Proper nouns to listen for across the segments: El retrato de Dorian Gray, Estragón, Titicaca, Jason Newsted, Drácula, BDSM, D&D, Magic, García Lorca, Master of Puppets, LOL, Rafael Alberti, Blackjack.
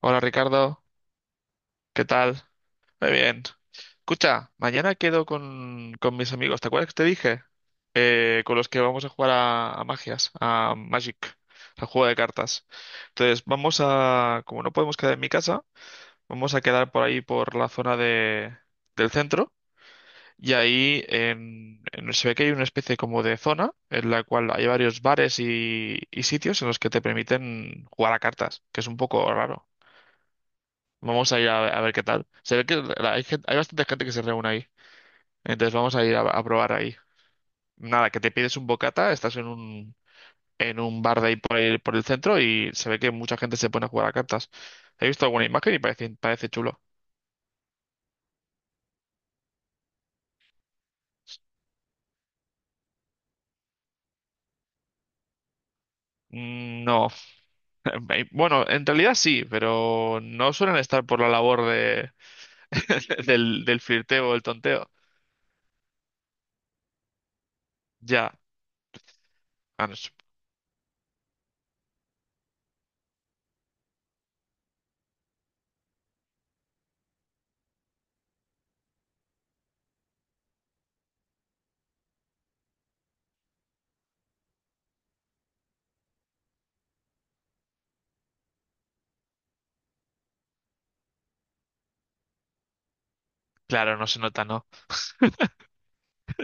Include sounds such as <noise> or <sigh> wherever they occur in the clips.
Hola Ricardo, ¿qué tal? Muy bien. Escucha, mañana quedo con mis amigos, ¿te acuerdas que te dije? Con los que vamos a jugar a Magic, al juego de cartas. Entonces, como no podemos quedar en mi casa, vamos a quedar por ahí, por la del centro, y ahí se ve que hay una especie como de zona en la cual hay varios bares y sitios en los que te permiten jugar a cartas, que es un poco raro. Vamos a ir a ver qué tal. Se ve que hay bastante gente que se reúne ahí. Entonces vamos a ir a probar ahí. Nada, que te pides un bocata, en un bar de ahí por el centro y se ve que mucha gente se pone a jugar a cartas. He visto alguna imagen y parece chulo. No. <laughs> Bueno, en realidad sí, pero no suelen estar por la labor <laughs> del flirteo o el tonteo. Ya. Ah, no sé. Claro, no se nota, ¿no?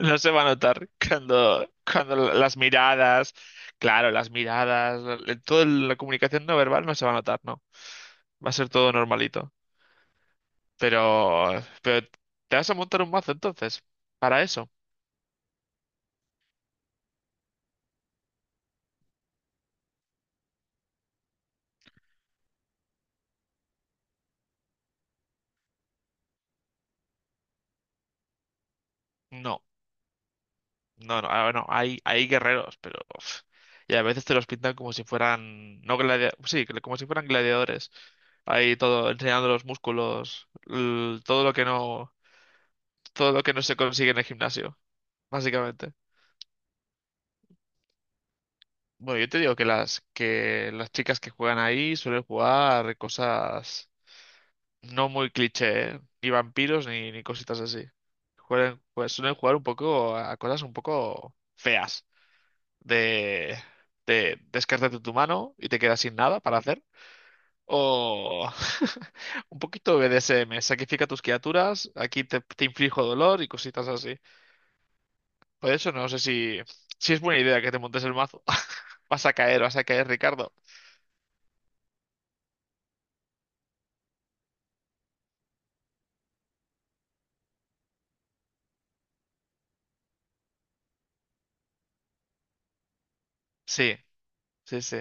No se va a notar cuando las miradas, claro, las miradas, toda la comunicación no verbal no se va a notar, ¿no? Va a ser todo normalito. Pero, pero ¿te vas a montar un mazo entonces? ¿Para eso? No, no, no. ah, Bueno, hay guerreros, pero uf, y a veces te los pintan como si fueran No gladiadores, sí, como si fueran gladiadores. Ahí todo, enseñando los músculos, todo lo que no se consigue en el gimnasio, básicamente. Bueno, yo te digo que que las chicas que juegan ahí suelen jugar cosas no muy cliché, ¿eh? Ni vampiros ni cositas así. Pues suelen jugar un poco a cosas un poco feas. De, de descártate tu mano y te quedas sin nada para hacer. O <laughs> un poquito BDSM, sacrifica tus criaturas, te inflijo dolor y cositas así. Por eso no sé si es buena idea que te montes el mazo. <laughs> Vas a caer, Ricardo. Sí. Sí, sí.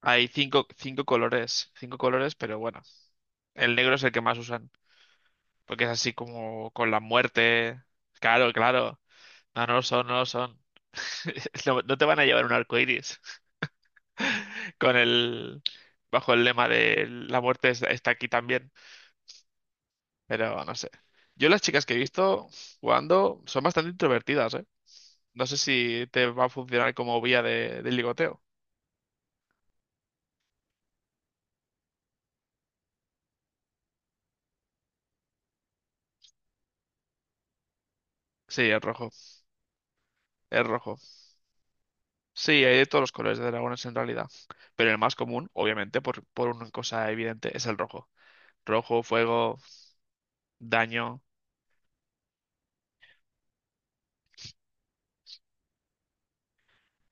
Hay cinco colores, pero bueno, el negro es el que más usan, porque es así como con la muerte. Claro, claro. No, no lo son, no lo son. <laughs> No, no te van a llevar un arco iris <laughs> con el, bajo el lema de está aquí también, pero no sé. Yo las chicas que he visto jugando son bastante introvertidas, ¿eh? No sé si te va a funcionar como vía de ligoteo. Sí, es rojo. Sí, hay de todos los colores de dragones en realidad. Pero el más común, obviamente, por una cosa evidente, es el rojo. Rojo, fuego, daño.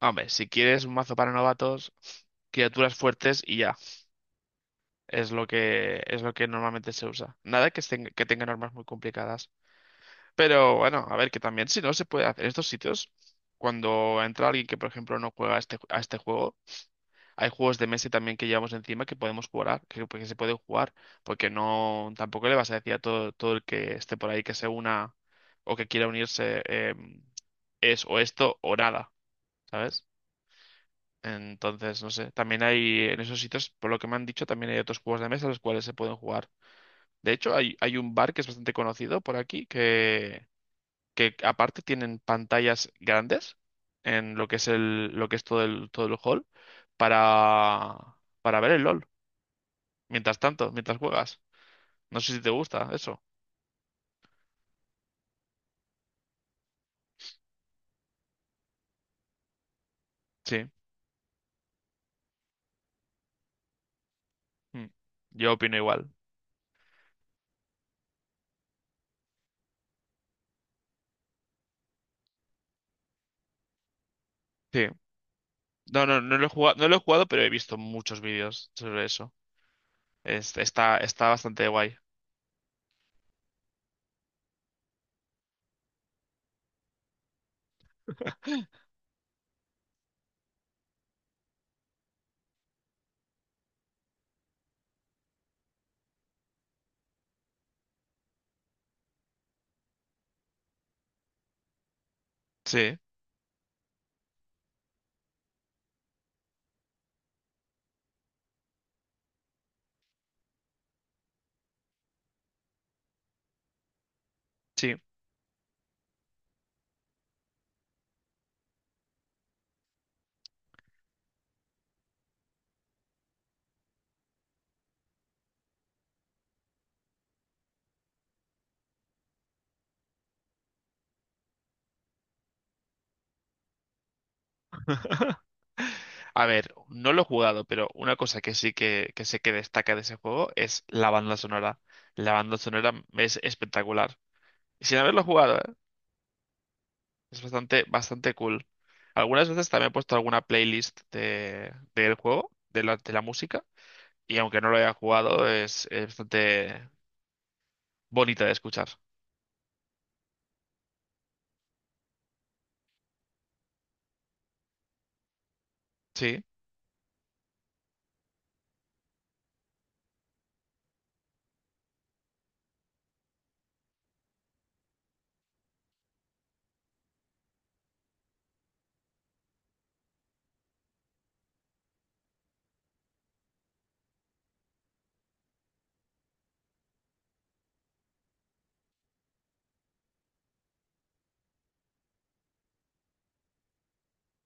Hombre, si quieres un mazo para novatos, criaturas fuertes y ya. Es lo que normalmente se usa. Nada que tengan armas muy complicadas. Pero bueno, a ver, que también si no se puede hacer en estos sitios, cuando entra alguien que, por ejemplo, no juega a a este juego. Hay juegos de mesa también que llevamos encima que podemos jugar, que, pues, que se pueden jugar, porque no, tampoco le vas a decir a todo el que esté por ahí que se una o que quiera unirse, es o esto o nada, ¿sabes? Entonces, no sé, también hay en esos sitios, por lo que me han dicho, también hay otros juegos de mesa los cuales se pueden jugar. De hecho, hay un bar que es bastante conocido por aquí, que aparte tienen pantallas grandes en lo que es todo todo el hall para, para ver el LOL. Mientras tanto, mientras juegas. No sé si te gusta eso. Sí. Mm. Yo opino igual. Sí. No, no, no lo he jugado, no lo he jugado, pero he visto muchos vídeos sobre eso. Está, está bastante guay. Sí, sí. <laughs> A ver, no lo he jugado, pero una cosa que que sé que destaca de ese juego es la banda sonora. La banda sonora es espectacular. Sin haberlo jugado, ¿eh? Es bastante, bastante cool. Algunas veces también he puesto alguna del juego, de la música. Y aunque no lo haya jugado, es bastante bonita de escuchar. Sí,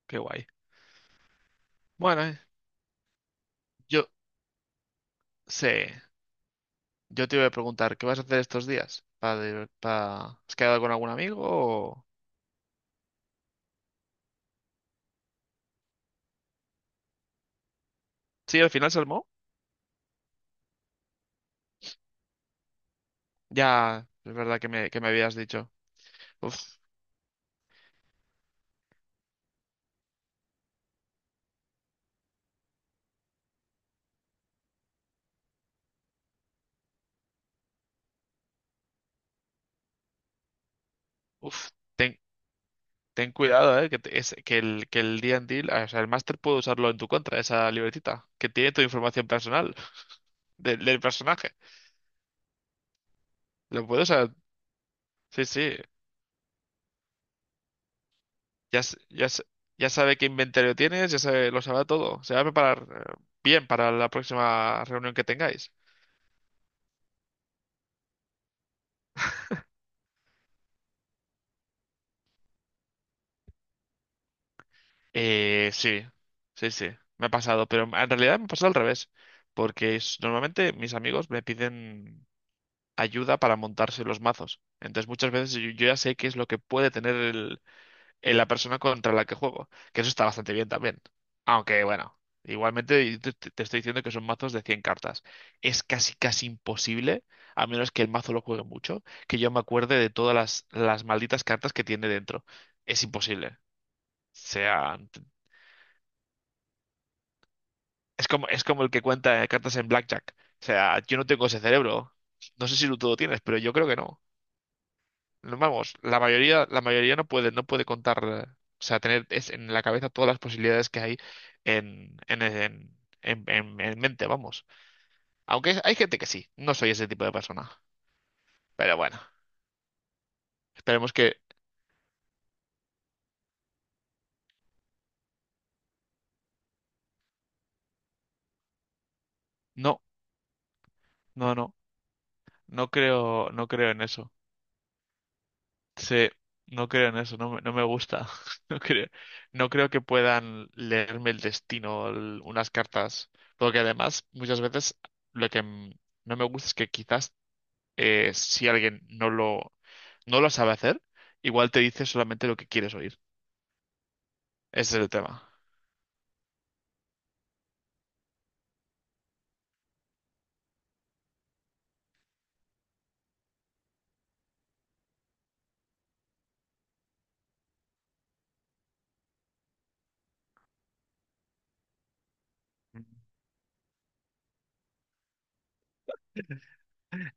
qué guay. Bueno, yo sé, yo te iba a preguntar, ¿qué vas a hacer estos días? ¿Has quedado con algún amigo? O sí, al final se armó. Ya, es verdad que que me habías dicho. Uf, uf, ten, ten cuidado, que el D&D, o sea, el máster puede usarlo en tu contra, esa libretita, que tiene tu información personal del personaje. Lo puede usar. Sí, sí. Ya, s- ya, s- ya sabe qué inventario tienes, ya sabe, lo sabrá todo. Se va a preparar bien para la próxima reunión que tengáis. Eh, sí, sí, me ha pasado, pero en realidad me ha pasado al revés, normalmente mis amigos me piden ayuda para montarse los mazos. Entonces muchas veces yo ya sé qué es lo que puede tener en la persona contra la que juego, que eso está bastante bien también. Aunque bueno, igualmente yo te estoy diciendo que son mazos de 100 cartas. Es casi casi imposible, a menos que el mazo lo juegue mucho, que yo me acuerde de todas las malditas cartas que tiene dentro. Es imposible. Sea, t- es como, es como el que cuenta cartas en Blackjack. O sea, yo no tengo ese cerebro. No sé si tú lo tienes, pero yo creo que no. No, vamos, la mayoría no puede, no puede contar, o sea, en la cabeza todas las posibilidades que hay en, en, en, en mente, vamos. Hay gente que sí, no soy ese tipo de persona. Pero bueno, esperemos que No, no, no, no creo, no creo en eso. Sí, no creo en eso, no me gusta. <laughs> No creo, no creo que puedan leerme el destino, unas cartas. Porque además, muchas veces, lo que mm, no me gusta es que quizás si alguien no lo, no lo sabe hacer, igual te dice solamente lo que quieres oír. Ese es el tema.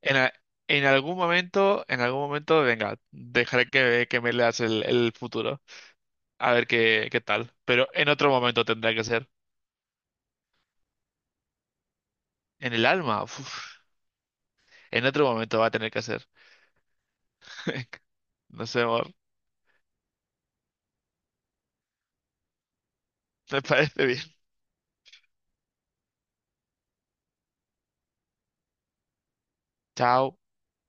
En, a- en algún momento, en algún momento, venga, dejaré que me leas el futuro. A ver qué tal. Pero en otro momento tendrá que ser. En el alma, uf, en otro momento va a tener que ser. <laughs> No sé, amor. <laughs> Me parece bien. Chao.